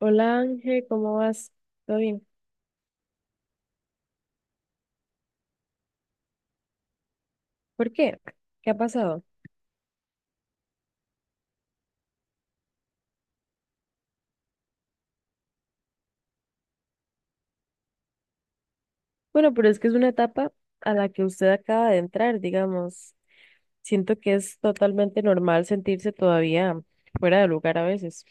Hola Ángel, ¿cómo vas? ¿Todo bien? ¿Por qué? ¿Qué ha pasado? Bueno, pero es que es una etapa a la que usted acaba de entrar, digamos. Siento que es totalmente normal sentirse todavía fuera de lugar a veces.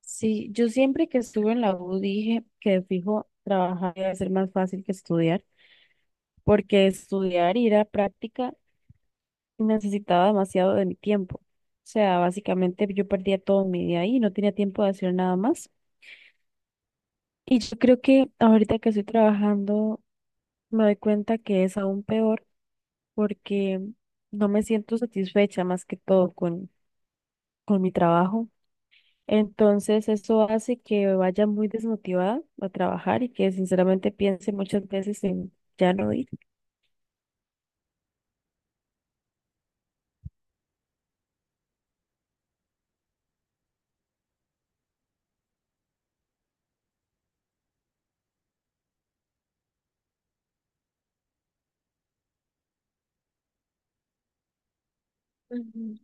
Sí, yo siempre que estuve en la U dije que de fijo trabajar iba a ser más fácil que estudiar, porque estudiar y ir a práctica necesitaba demasiado de mi tiempo. O sea, básicamente yo perdía todo mi día ahí y no tenía tiempo de hacer nada más. Y yo creo que ahorita que estoy trabajando me doy cuenta que es aún peor porque no me siento satisfecha más que todo con mi trabajo. Entonces, eso hace que vaya muy desmotivada a trabajar y que sinceramente piense muchas veces en ya no ir. Ujú.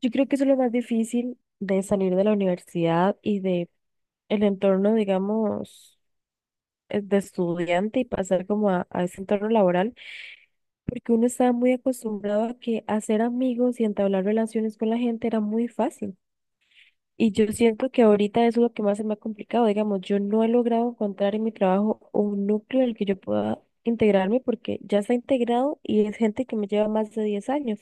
Yo creo que eso es lo más difícil de salir de la universidad y de el entorno, digamos, de estudiante y pasar como a ese entorno laboral, porque uno estaba muy acostumbrado a que hacer amigos y entablar relaciones con la gente era muy fácil. Y yo siento que ahorita eso es lo que más se me ha complicado, digamos, yo no he logrado encontrar en mi trabajo un núcleo en el que yo pueda integrarme porque ya está integrado y es gente que me lleva más de 10 años.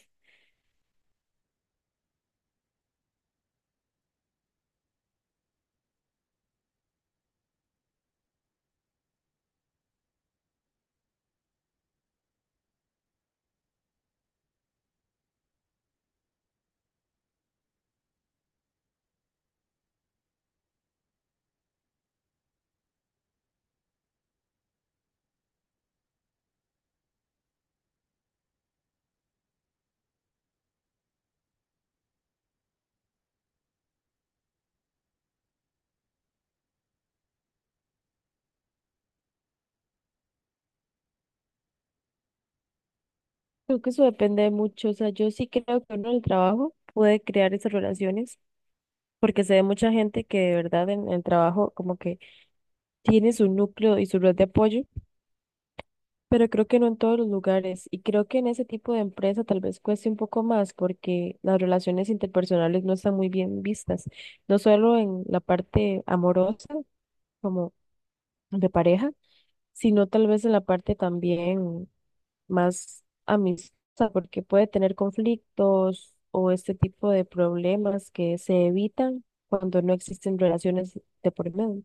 Creo que eso depende mucho, o sea, yo sí creo que uno en el trabajo puede crear esas relaciones porque se ve mucha gente que de verdad en el trabajo como que tiene su núcleo y su red de apoyo, pero creo que no en todos los lugares. Y creo que en ese tipo de empresa tal vez cueste un poco más porque las relaciones interpersonales no están muy bien vistas, no solo en la parte amorosa, como de pareja, sino tal vez en la parte también más amistosa, porque puede tener conflictos o este tipo de problemas que se evitan cuando no existen relaciones de por medio.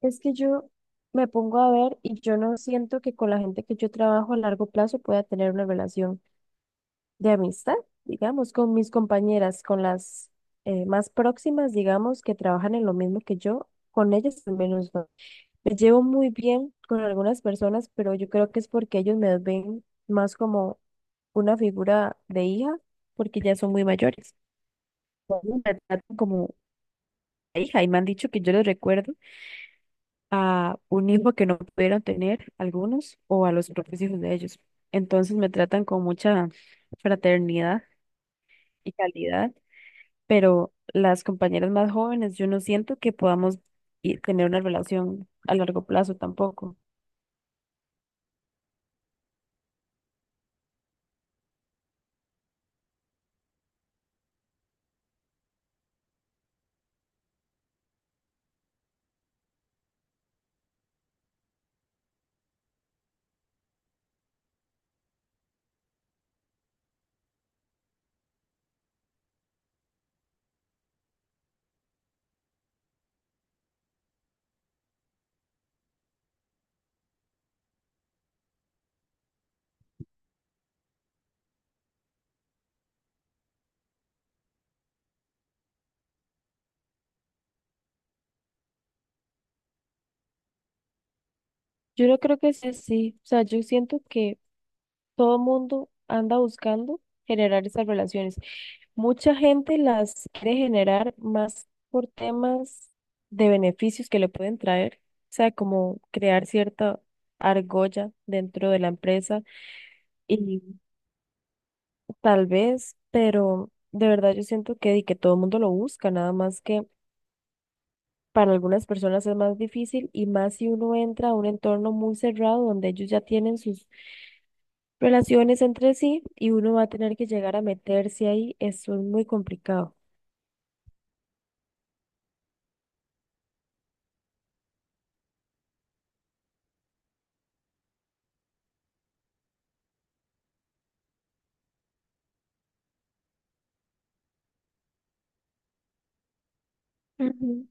Es que yo me pongo a ver y yo no siento que con la gente que yo trabajo a largo plazo pueda tener una relación de amistad, digamos, con mis compañeras, con las más próximas, digamos, que trabajan en lo mismo que yo, con ellas al menos no. Me llevo muy bien con algunas personas, pero yo creo que es porque ellos me ven más como una figura de hija, porque ya son muy mayores. Ellos me tratan como hija y me han dicho que yo les recuerdo a un hijo que no pudieron tener algunos o a los propios hijos de ellos. Entonces me tratan con mucha fraternidad y calidad, pero las compañeras más jóvenes, yo no siento que podamos tener una relación a largo plazo tampoco. Yo no creo que sea así. O sea, yo siento que todo mundo anda buscando generar esas relaciones. Mucha gente las quiere generar más por temas de beneficios que le pueden traer, o sea, como crear cierta argolla dentro de la empresa y tal vez, pero de verdad yo siento que, di que todo el mundo lo busca, nada más que para algunas personas es más difícil y más si uno entra a un entorno muy cerrado donde ellos ya tienen sus relaciones entre sí y uno va a tener que llegar a meterse ahí. Eso es muy complicado. Ujú.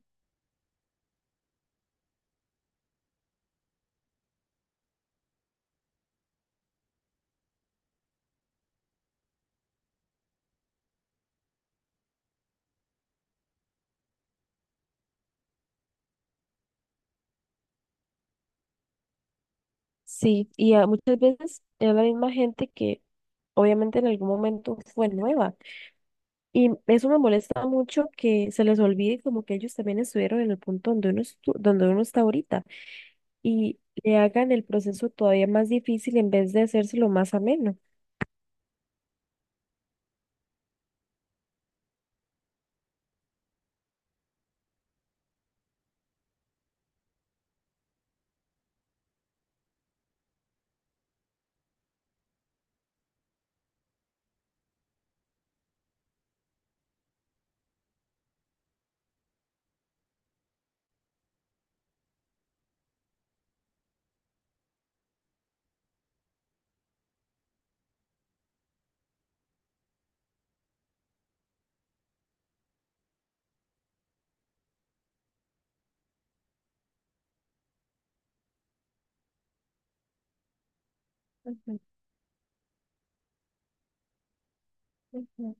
Sí, y muchas veces es la misma gente que obviamente en algún momento fue nueva. Y eso me molesta mucho que se les olvide como que ellos también estuvieron en el punto donde uno, donde uno está ahorita, y le hagan el proceso todavía más difícil en vez de hacérselo más ameno. Ujú, ujú,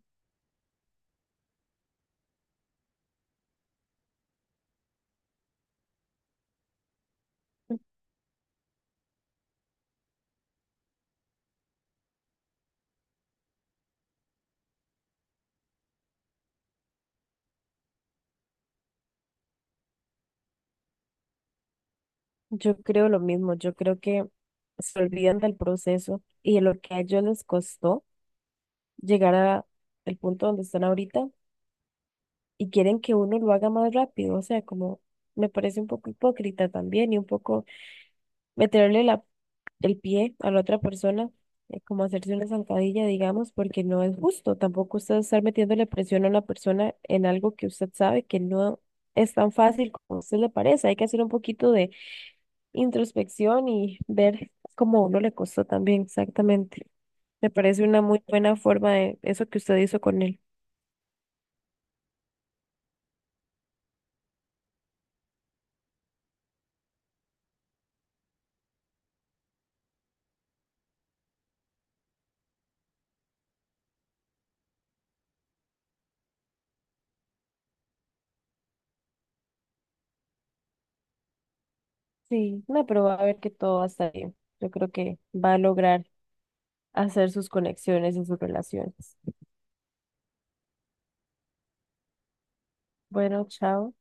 ujú. Yo creo lo mismo, yo creo que se olvidan del proceso y de lo que a ellos les costó llegar a el punto donde están ahorita y quieren que uno lo haga más rápido, o sea, como me parece un poco hipócrita también y un poco meterle la el pie a la otra persona, como hacerse una zancadilla, digamos, porque no es justo. Tampoco usted estar metiéndole presión a una persona en algo que usted sabe que no es tan fácil como a usted le parece. Hay que hacer un poquito de introspección y ver cómo a uno le costó también, exactamente. Me parece una muy buena forma de eso que usted hizo con él. Sí, no, pero va a ver que todo va a estar bien. Yo creo que va a lograr hacer sus conexiones en sus relaciones. Bueno, chao.